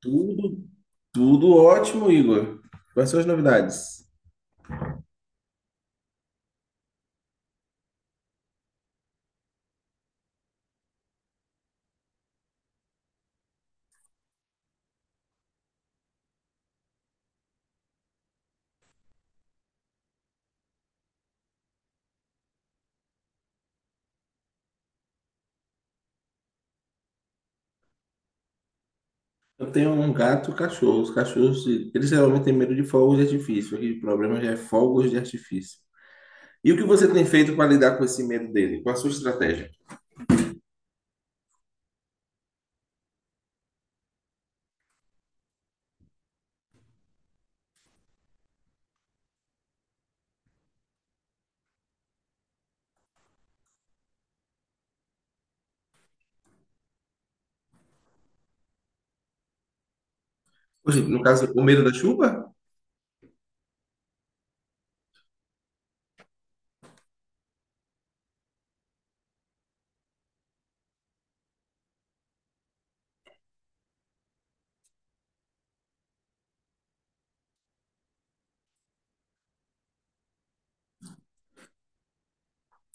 Tudo, tudo ótimo, Igor. Quais são as novidades? Eu tenho um gato e um cachorro. Os cachorros, eles geralmente têm medo de fogos de artifício. Aqui o problema já é fogos de artifício. E o que você tem feito para lidar com esse medo dele? Qual a sua estratégia? Poxa, no caso, o medo da chuva?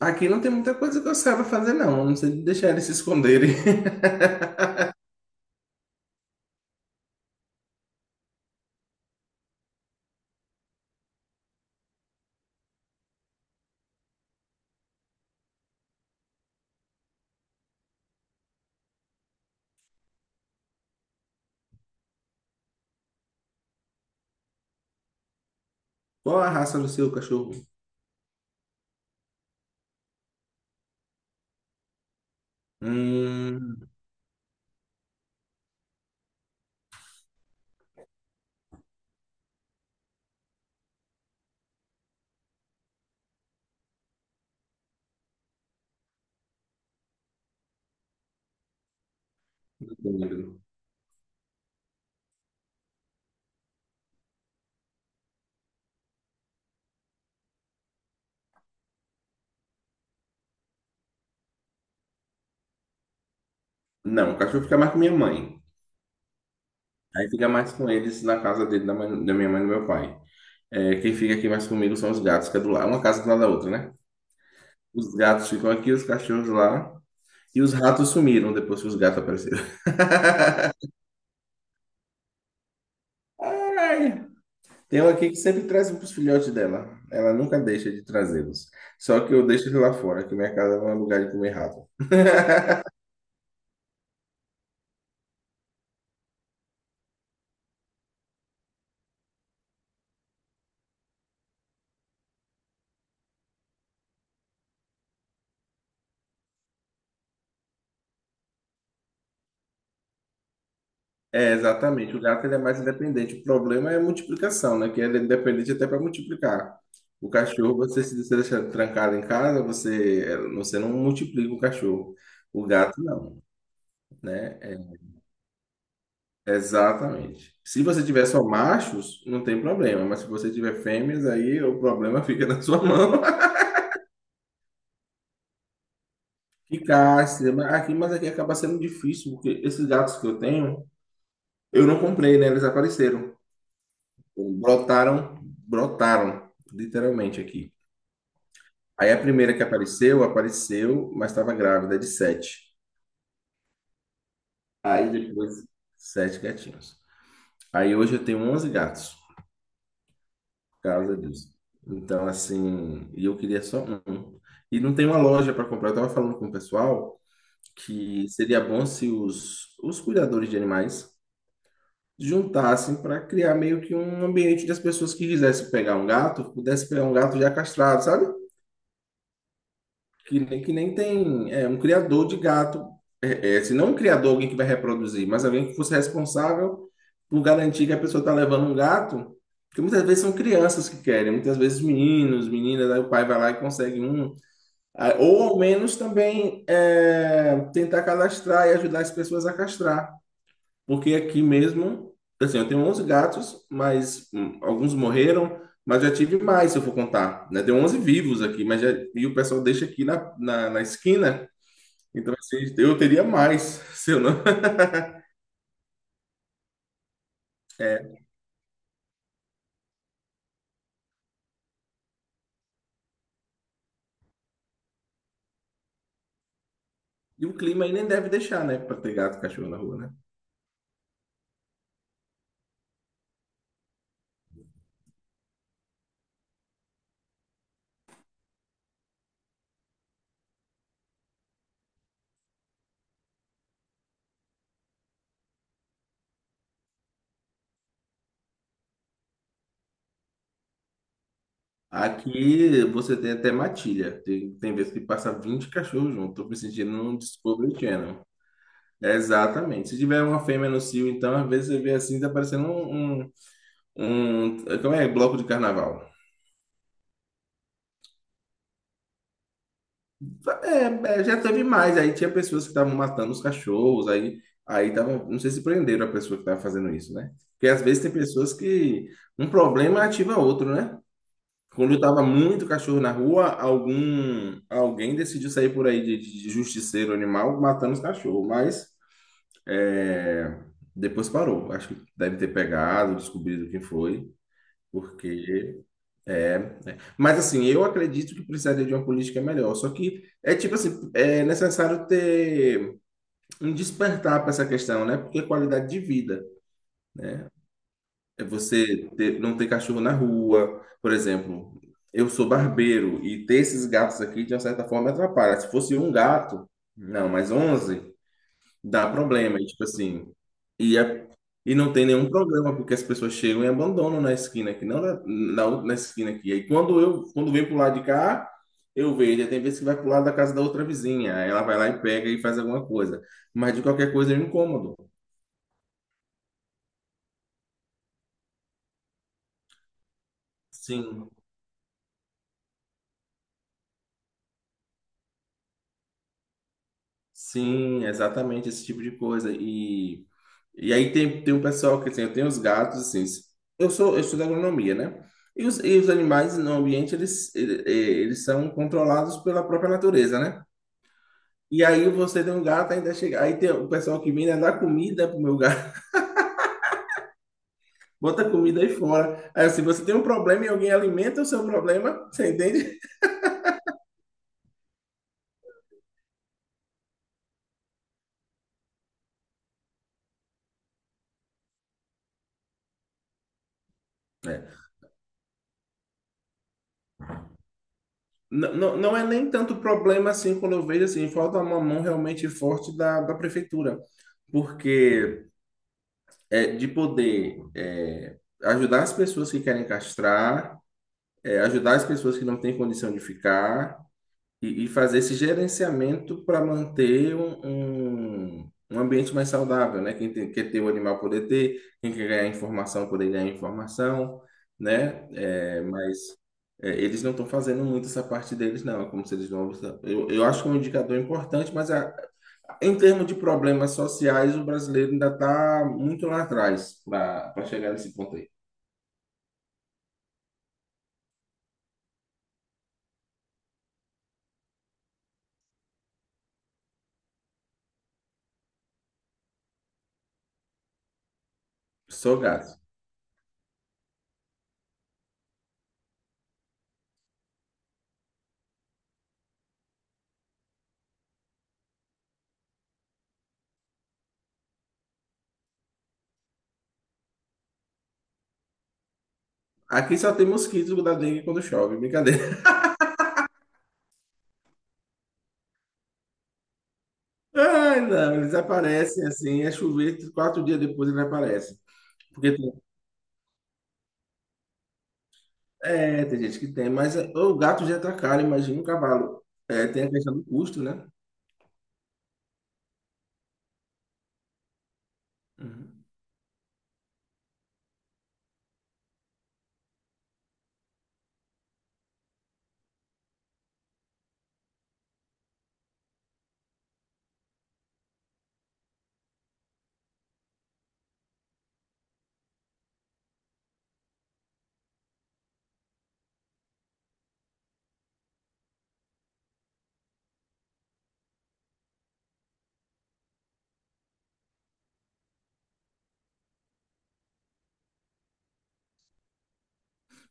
Aqui não tem muita coisa que eu saiba fazer, não. A não ser deixar eles se esconderem. Qual a raça do seu cachorro? Hum, não lembro. Não, o cachorro fica mais com minha mãe. Aí fica mais com eles na casa dele, da minha mãe e do meu pai. É, quem fica aqui mais comigo são os gatos, que é do lado, uma casa do lado da outra, né? Os gatos ficam aqui, os cachorros lá. E os ratos sumiram depois que os gatos apareceram. Ai, tem um aqui que sempre traz para os filhotes dela. Ela nunca deixa de trazê-los. Só que eu deixo ele lá fora, que minha casa não é lugar de comer rato. É, exatamente. O gato ele é mais independente. O problema é a multiplicação, né? Que ele é independente até para multiplicar. O cachorro, você se você deixar trancado em casa, você, é, você não multiplica o cachorro. O gato, não, né? É, exatamente. Se você tiver só machos, não tem problema. Mas se você tiver fêmeas, aí o problema fica na sua mão. Que cástia, mas aqui acaba sendo difícil, porque esses gatos que eu tenho, eu não comprei, né? Eles apareceram. Brotaram, brotaram, literalmente aqui. Aí a primeira que apareceu, apareceu, mas estava grávida é de sete. Aí depois, sete gatinhos. Aí hoje eu tenho 11 gatos, por causa disso. Então, assim, e eu queria só um. E não tem uma loja para comprar. Eu estava falando com o pessoal que seria bom se os, os cuidadores de animais juntassem para criar meio que um ambiente onde as pessoas que quisessem pegar um gato, pudessem pegar um gato já castrado, sabe? Que nem tem é, um criador de gato. É, é, se não um criador, alguém que vai reproduzir, mas alguém que fosse responsável por garantir que a pessoa está levando um gato. Porque muitas vezes são crianças que querem, muitas vezes meninos, meninas, aí o pai vai lá e consegue um. Ah, ou ao menos também é, tentar cadastrar e ajudar as pessoas a castrar. Porque aqui mesmo, assim, eu tenho 11 gatos, mas alguns morreram, mas já tive mais, se eu for contar, né? Tem 11 vivos aqui, mas já, e o pessoal deixa aqui na esquina, então assim, eu teria mais, se eu não... é. E o clima aí nem deve deixar, né, para ter gato e cachorro na rua, né? Aqui você tem até matilha, tem, tem vezes que passa 20 cachorros junto, tô me sentindo num Discovery Channel. É, exatamente. Se tiver uma fêmea no cio, então, às vezes você vê assim, tá parecendo um, um, como é? Bloco de carnaval. É, é, já teve mais. Aí tinha pessoas que estavam matando os cachorros, aí tava, não sei se prenderam a pessoa que estava fazendo isso, né? Porque às vezes tem pessoas que um problema ativa outro, né? Quando tava muito cachorro na rua, algum alguém decidiu sair por aí de justiceiro animal matando os cachorros, mas é, depois parou. Acho que deve ter pegado, descobrido quem foi, porque é, né? Mas assim, eu acredito que precisaria de uma política melhor. Só que é tipo assim, é necessário ter um despertar para essa questão, né? Porque qualidade de vida é não ter cachorro na rua, por exemplo. Eu sou barbeiro e ter esses gatos aqui de uma certa forma me atrapalha. Se fosse um gato, não, mas 11 dá problema, e, tipo assim. E, é- e não tem nenhum problema, porque as pessoas chegam e abandonam na esquina aqui, não na na esquina aqui. Aí quando vem pro lado de cá, eu vejo. Aí tem vezes que vai pro lado da casa da outra vizinha. Aí ela vai lá e pega e faz alguma coisa. Mas de qualquer coisa é um incômodo. Sim. Sim, exatamente esse tipo de coisa. E aí tem um pessoal que assim, eu tenho os gatos, assim, eu estudo agronomia, né? E os animais no ambiente, eles são controlados pela própria natureza, né? E aí você tem um gato, ainda chega, aí tem o pessoal que vem né, dar comida pro meu gato, bota comida aí fora. Aí assim, você tem um problema e alguém alimenta o seu problema, você entende? É. Não, não, não é nem tanto problema assim quando eu vejo assim, falta uma mão realmente forte da prefeitura. Porque é, de poder é, ajudar as pessoas que querem castrar, é, ajudar as pessoas que não têm condição de ficar e fazer esse gerenciamento para manter um, um ambiente mais saudável, né? Quer ter o animal poder ter, quem quer ganhar informação poder ganhar informação, né? É, mas é, eles não estão fazendo muito essa parte deles, não. É como se eles não. Eu acho que é um indicador importante, mas em termos de problemas sociais, o brasileiro ainda está muito lá atrás para chegar nesse ponto aí. Sou gato. Aqui só tem mosquitos da dengue quando chove, brincadeira. Ai, não, eles aparecem assim, é chover, 4 dias depois eles aparecem. Porque tem, é, tem gente que tem, mas é, o gato já tá caro, imagina um cavalo. É, tem a questão do custo, né? Uhum.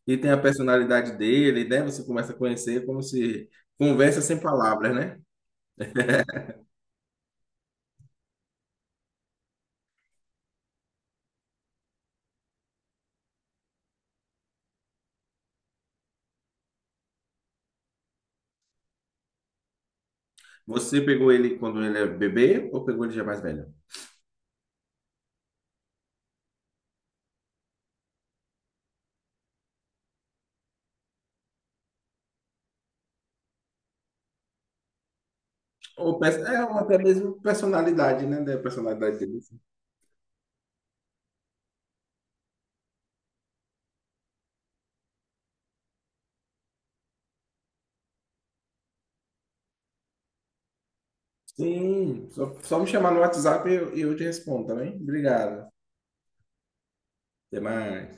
E tem a personalidade dele, né? Você começa a conhecer como se conversa sem palavras, né? Você pegou ele quando ele é bebê ou pegou ele já mais velho? Ou, pe- é, ou até mesmo personalidade, né? Da personalidade dele. Sim, só me chamar no WhatsApp e eu te respondo, tá bem? Obrigado. Até mais.